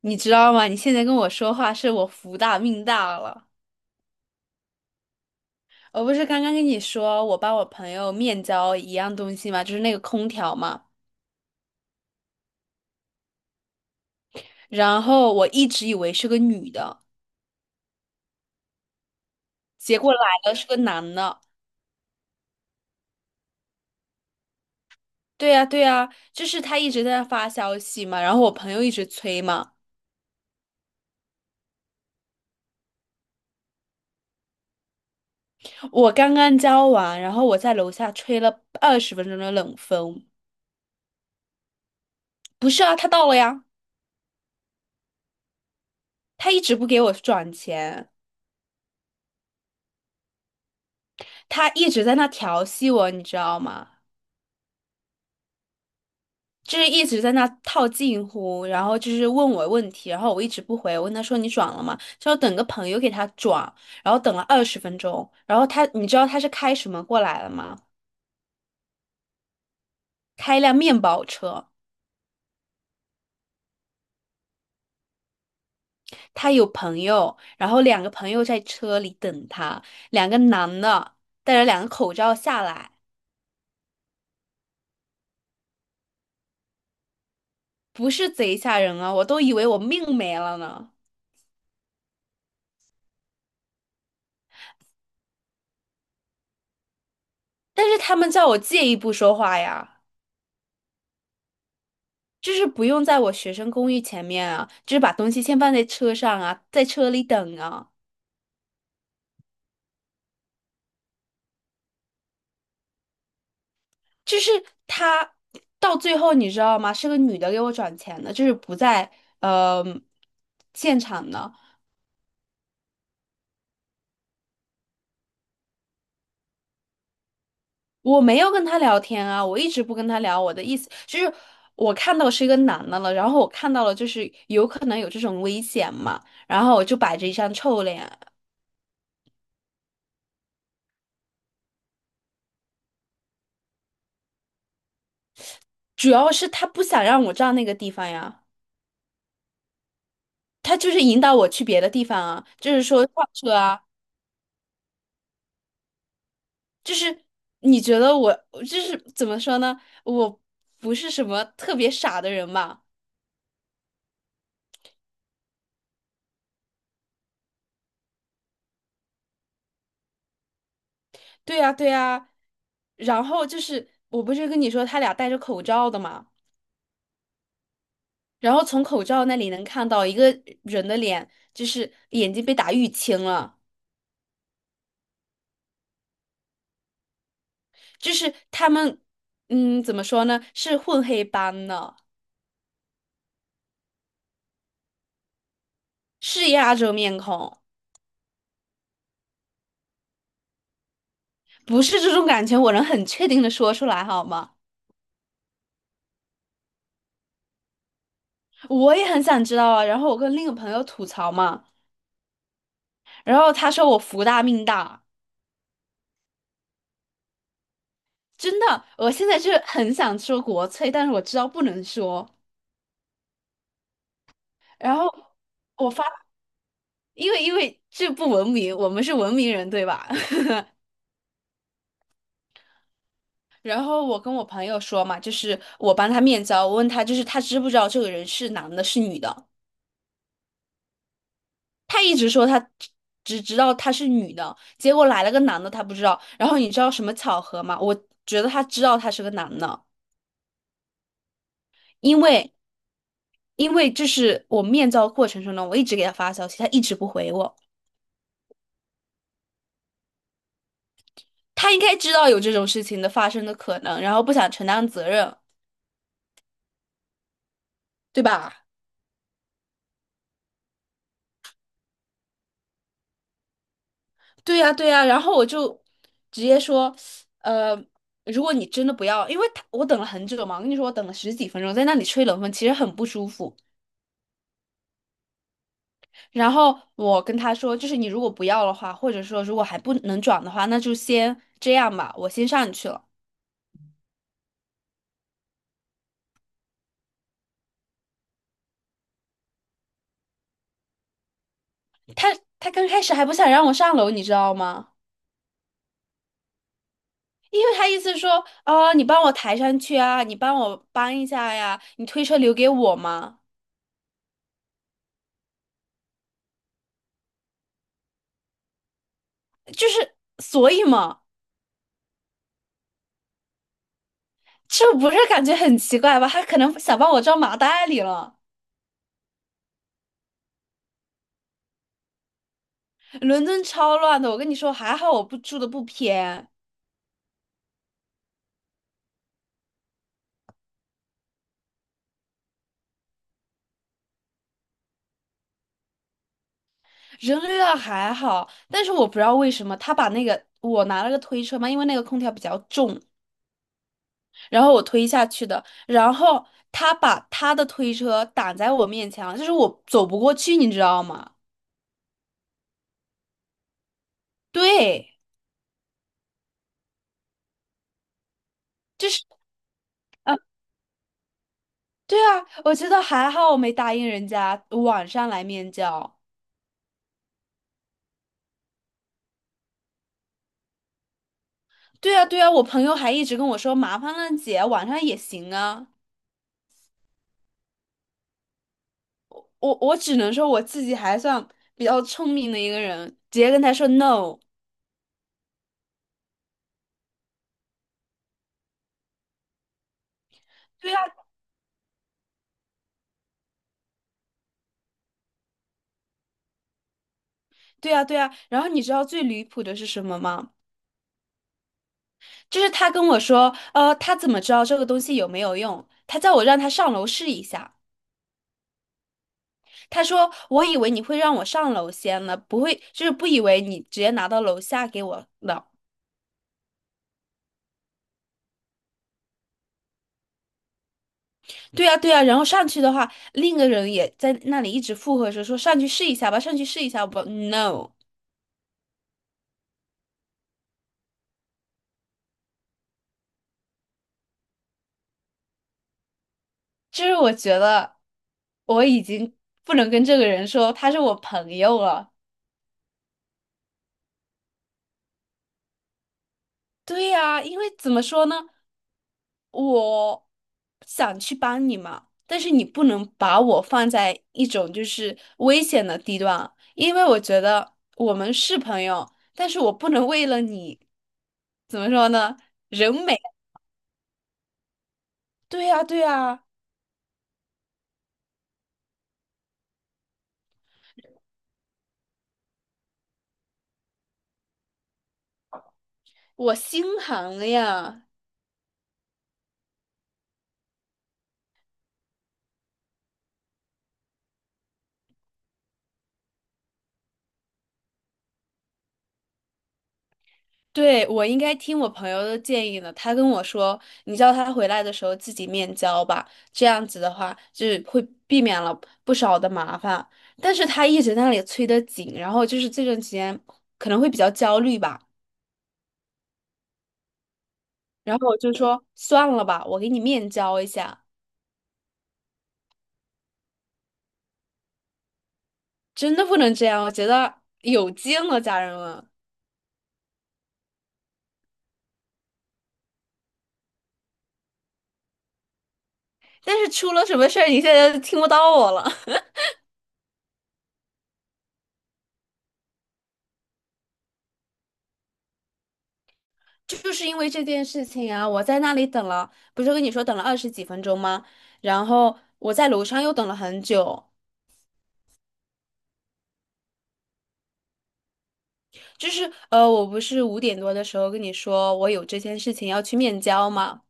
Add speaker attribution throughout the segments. Speaker 1: 你知道吗？你现在跟我说话，是我福大命大了。我不是刚刚跟你说，我帮我朋友面交一样东西嘛，就是那个空调嘛。然后我一直以为是个女的，结果来了是个男的。对呀，对呀，就是他一直在那发消息嘛，然后我朋友一直催嘛。我刚刚交完，然后我在楼下吹了二十分钟的冷风。不是啊，他到了呀，他一直不给我转钱，他一直在那调戏我，你知道吗？就是一直在那套近乎，然后就是问我问题，然后我一直不回，我问他说你转了吗？就要等个朋友给他转，然后等了二十分钟，然后他你知道他是开什么过来了吗？开一辆面包车，他有朋友，然后两个朋友在车里等他，两个男的戴着两个口罩下来，不是贼吓人啊，我都以为我命没了呢，但是他们叫我借一步说话呀。就是不用在我学生公寓前面啊，就是把东西先放在车上啊，在车里等啊。就是他到最后你知道吗？是个女的给我转钱的，就是不在呃现场的。我没有跟他聊天啊，我一直不跟他聊。我的意思就是，我看到是一个男的了，然后我看到了就是有可能有这种危险嘛，然后我就摆着一张臭脸。主要是他不想让我站那个地方呀，他就是引导我去别的地方啊，就是说上车啊。就是你觉得我就是怎么说呢？我不是什么特别傻的人嘛。对呀，对呀。然后就是我不是跟你说他俩戴着口罩的嘛，然后从口罩那里能看到一个人的脸，就是眼睛被打淤青了，就是他们，嗯，怎么说呢？是混黑斑的，是亚洲面孔，不是这种感觉，我能很确定的说出来好吗？我也很想知道啊。然后我跟另一个朋友吐槽嘛。然后他说我福大命大，真的，我现在就是很想说国粹，但是我知道不能说。然后我发，因为这不文明，我们是文明人，对吧？然后我跟我朋友说嘛，就是我帮他面交，我问他就是他知不知道这个人是男的，是女的。他一直说他只知道他是女的，结果来了个男的，他不知道。然后你知道什么巧合吗？我觉得他知道他是个男的，因为。因为这是我面交过程中呢，我一直给他发消息，他一直不回我。他应该知道有这种事情的发生的可能，然后不想承担责任，对吧？对呀，对呀。然后我就直接说，呃，如果你真的不要，因为他我等了很久嘛，我跟你说我等了十几分钟，在那里吹冷风，其实很不舒服。然后我跟他说，就是你如果不要的话，或者说如果还不能转的话，那就先这样吧，我先上去了。他他刚开始还不想让我上楼，你知道吗？因为他意思说，哦，你帮我抬上去啊，你帮我搬一下呀，你推车留给我嘛，就是所以嘛，这不是感觉很奇怪吧？他可能想把我装麻袋里了。伦敦超乱的，我跟你说，还好我不住的不偏，人流量还好，但是我不知道为什么他把那个我拿了个推车嘛，因为那个空调比较重，然后我推下去的，然后他把他的推车挡在我面前了，就是我走不过去，你知道吗？对。就是对啊，我觉得还好，我没答应人家晚上来面交。对啊，对啊，我朋友还一直跟我说，麻烦了姐，晚上也行啊。我我只能说我自己还算比较聪明的一个人，直接跟他说 no。对啊，对啊，对啊。然后你知道最离谱的是什么吗？就是他跟我说，他怎么知道这个东西有没有用？他叫我让他上楼试一下。他说："我以为你会让我上楼先呢，不会，就是不以为你直接拿到楼下给我的。"对呀，对呀，然后上去的话，另一个人也在那里一直附和着说："上去试一下吧，上去试一下吧。"No,就是我觉得我已经不能跟这个人说他是我朋友了。对呀，因为怎么说呢，我想去帮你嘛，但是你不能把我放在一种就是危险的地段啊，因为我觉得我们是朋友，但是我不能为了你，怎么说呢，人美。对呀，对呀。我心寒了呀！对，我应该听我朋友的建议呢。他跟我说，你叫他回来的时候自己面交吧，这样子的话就是会避免了不少的麻烦。但是他一直在那里催得紧，然后就是这段时间可能会比较焦虑吧。然后我就说算了吧，我给你面交一下。真的不能这样，我觉得有劲了，家人们。但是出了什么事儿，你现在就听不到我了。就是因为这件事情啊，我在那里等了，不是跟你说等了二十几分钟吗？然后我在楼上又等了很久。就是我不是五点多的时候跟你说我有这件事情要去面交吗？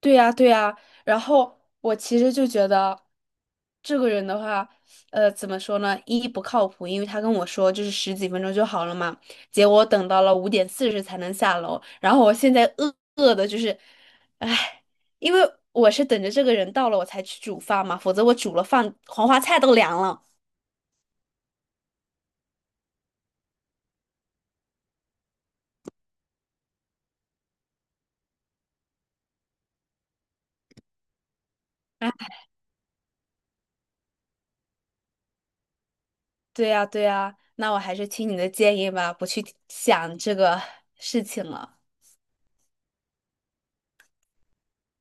Speaker 1: 对呀，对呀，然后我其实就觉得，这个人的话，怎么说呢？一不靠谱，因为他跟我说就是十几分钟就好了嘛，结果等到了5:40才能下楼，然后我现在饿饿的就是，唉，因为我是等着这个人到了我才去煮饭嘛，否则我煮了饭，黄花菜都凉了。啊，对呀，对呀，那我还是听你的建议吧，不去想这个事情了。